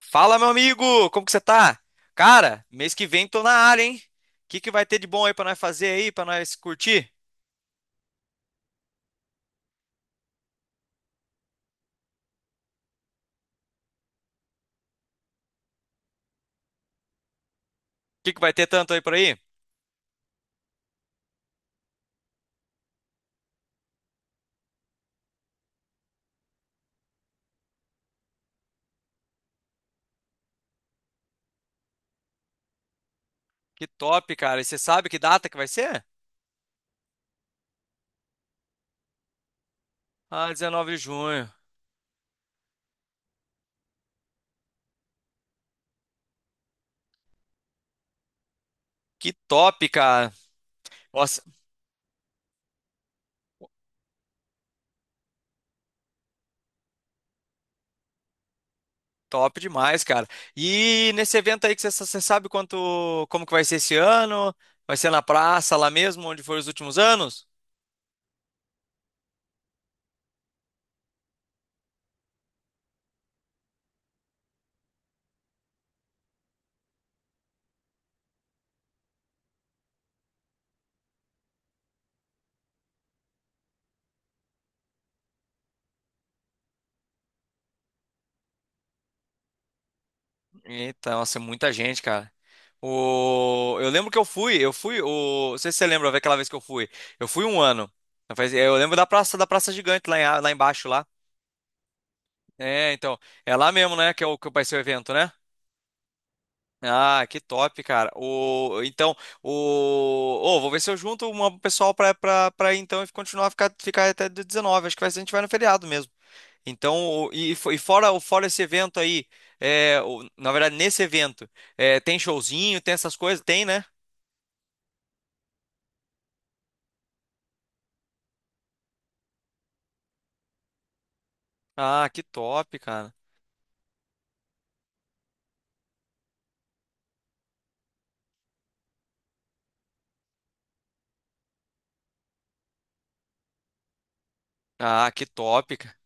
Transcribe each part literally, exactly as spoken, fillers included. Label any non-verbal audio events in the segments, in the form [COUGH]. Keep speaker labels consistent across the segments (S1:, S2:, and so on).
S1: Fala, meu amigo! Como que você tá? Cara, mês que vem tô na área, hein? O que que vai ter de bom aí pra nós fazer aí, pra nós curtir? O que que vai ter tanto aí por aí? Que top, cara! E você sabe que data que vai ser? Ah, dezenove de junho. Que top, cara! Nossa, top demais, cara. E nesse evento aí que você, você sabe quanto, como que vai ser esse ano? Vai ser na praça, lá mesmo, onde foram os últimos anos? Eita, nossa, é muita gente, cara. O... Eu lembro que eu fui, eu fui, o... não sei se você lembra, vai aquela vez que eu fui. Eu fui um ano. Eu faz- eu lembro da praça, da Praça Gigante lá, em- lá embaixo, lá. É, então, é lá mesmo, né, que, é o, que vai ser o evento, né? Ah, que top, cara. O... Então, o... ô, vou ver se eu junto um pessoal pra, pra, pra ir, então e continuar a ficar, ficar até dezenove. Acho que vai ser, a gente vai no feriado mesmo. Então, o- e, fo- e fora, o- fora esse evento aí, é, o- na verdade, nesse evento, é, tem showzinho, tem essas coisas? Tem, né? Ah, que top, cara. Ah, que top, cara.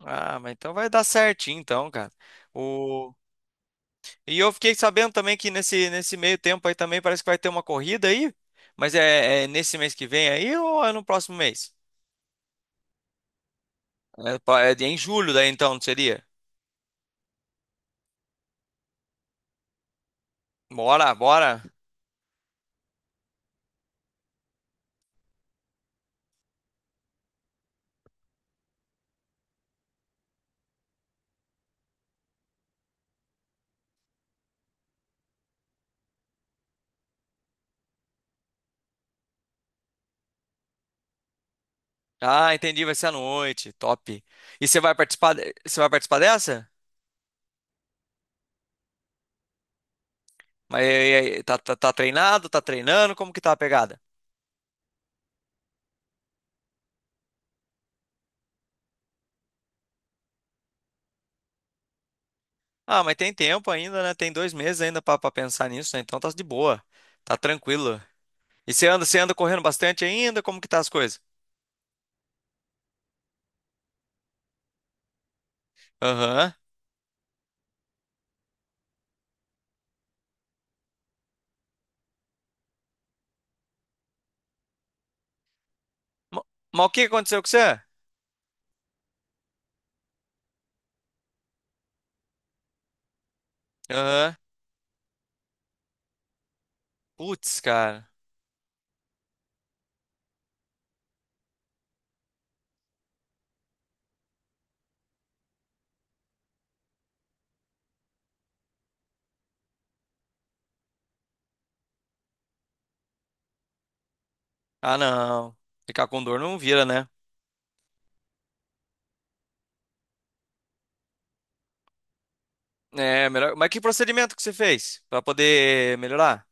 S1: Ah, mas então vai dar certinho, então, cara. O... E eu fiquei sabendo também que nesse, nesse meio tempo aí também parece que vai ter uma corrida aí. Mas é, é nesse mês que vem aí ou é no próximo mês? É, pa- é em julho daí, então, não seria? Bora, bora. Ah, entendi, vai ser à noite. Top. E você vai participar, de- você vai participar dessa? Mas e aí, tá, tá, tá treinado, tá treinando, como que tá a pegada? Ah, mas tem tempo ainda, né? Tem dois meses ainda pra pra pensar nisso, né? Então tá de boa, tá tranquilo. E você anda, você anda correndo bastante ainda? Como que tá as coisas? Aham. Ma- Mas o que aconteceu com você? Aham. Putz, cara. Ah, não. Ficar com dor não vira, né? É, melhor. Mas que procedimento que você fez pra poder melhorar?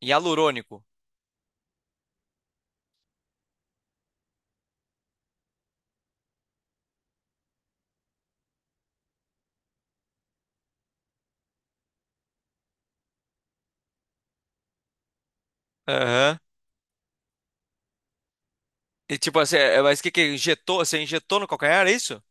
S1: Hialurônico. Aham. E tipo assim, é- mas o que que injetou? Você injetou no calcanhar, é isso?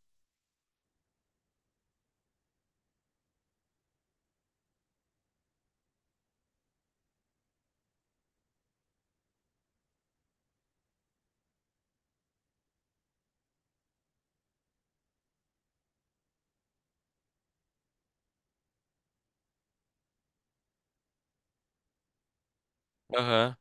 S1: Aham.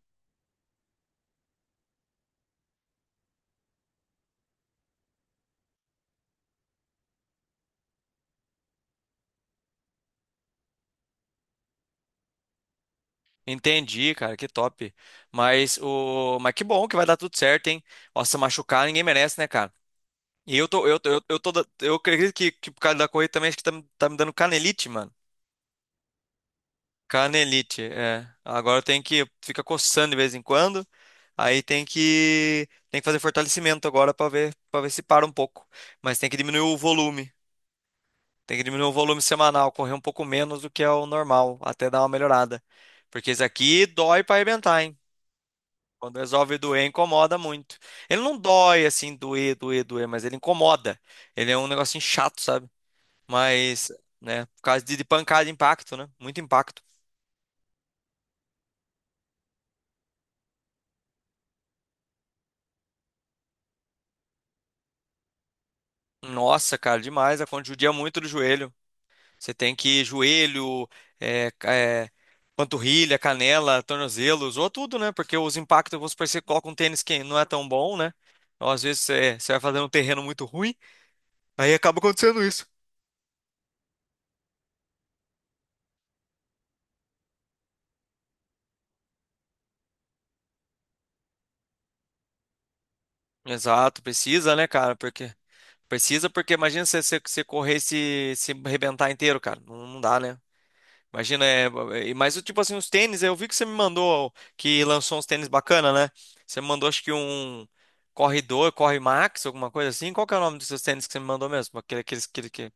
S1: Entendi, cara, que top. Mas o, mas que bom que vai dar tudo certo, hein? Nossa, machucar ninguém merece, né, cara? E eu tô, eu tô, eu, eu tô, da- eu acredito que, que por causa da corrida também acho que tá, me- tá me dando canelite, mano. Canelite, é. Agora eu tenho que fica coçando de vez em quando. Aí tem que tem que fazer fortalecimento agora pra ver, para ver se para um pouco. Mas tem que diminuir o volume. Tem que diminuir o volume semanal, correr um pouco menos do que é o normal, até dar uma melhorada. Porque isso aqui dói pra arrebentar, hein? Quando resolve doer, incomoda muito. Ele não dói assim, doer, doer, doer, mas ele incomoda. Ele é um negocinho chato, sabe? Mas, né, por causa de, de pancada, impacto, né? Muito impacto. Nossa, cara, demais. A conta judia muito do joelho. Você tem que ir joelho, é, ca- é, panturrilha, canela, tornozelo, usou tudo, né? Porque os impactos, vamos supor, você coloca um tênis que não é tão bom, né? Ou às vezes você, você vai fazendo um terreno muito ruim, aí acaba acontecendo isso. Exato, precisa, né, cara? Porque precisa, porque imagina você, você, você correr e se, se arrebentar inteiro, cara. Não, não dá, né? Imagina, é, é, mas o tipo assim, os tênis, eu vi que você me mandou, que lançou uns tênis bacana, né? Você me mandou, acho que um Corredor, Corre Max, alguma coisa assim. Qual que é o nome dos seus tênis que você me mandou mesmo? Aquele, aqueles, aquele que...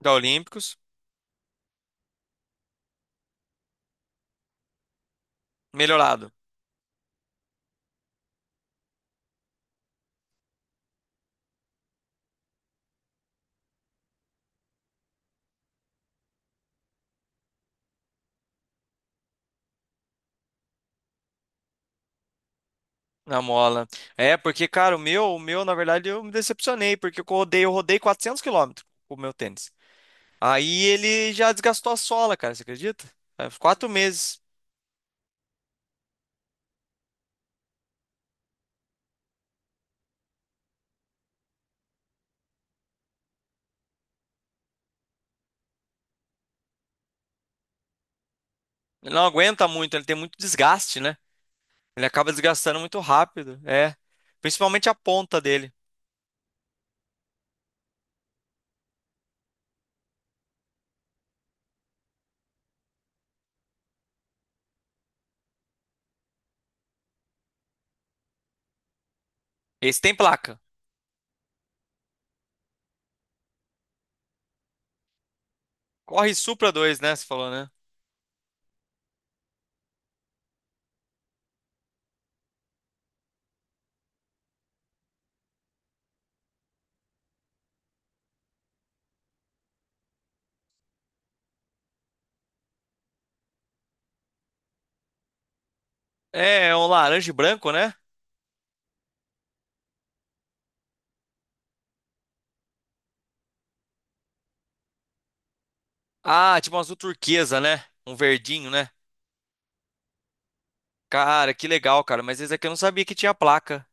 S1: Da Olímpicos, melhorado. Na mola. É, porque, cara, o meu, o meu, na verdade, eu me decepcionei, porque eu rodei, eu rodei quatrocentos quilômetros com o meu tênis. Aí ele já desgastou a sola, cara, você acredita? Faz quatro meses. Ele não aguenta muito, ele tem muito desgaste, né? Ele acaba desgastando muito rápido. É. Principalmente a ponta dele. Esse tem placa. Corre Supra dois, né? Você falou, né? É, é um laranja e branco, né? Ah, tipo um azul turquesa, né? Um verdinho, né? Cara, que legal, cara. Mas esse aqui eu não sabia que tinha placa.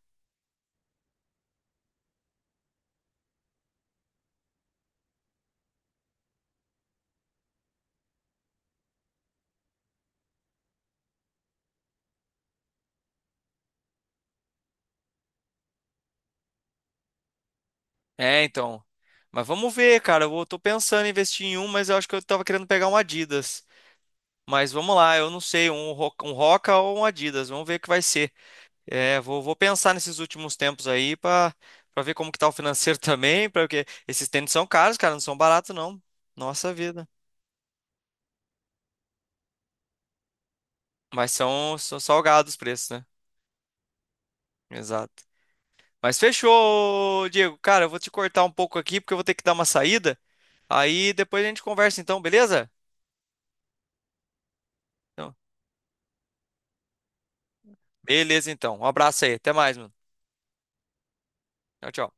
S1: É, então. Mas vamos ver, cara. Eu vou- tô pensando em investir em um, mas eu acho que eu tava querendo pegar um Adidas. Mas vamos lá, eu não sei, um, Ro- um Roca ou um Adidas. Vamos ver o que vai ser. É, vou, vou pensar nesses últimos tempos aí pra para ver como que tá o financeiro [LAUGHS] também, para porque esses tênis são caros, cara, não são baratos não. Nossa vida. Mas são, são salgados os preços, né? Exato. Mas fechou, Diego. Cara, eu vou te cortar um pouco aqui porque eu vou ter que dar uma saída. Aí depois a gente conversa então, beleza? Então, beleza então. Um abraço aí, até mais, mano. Tchau, tchau.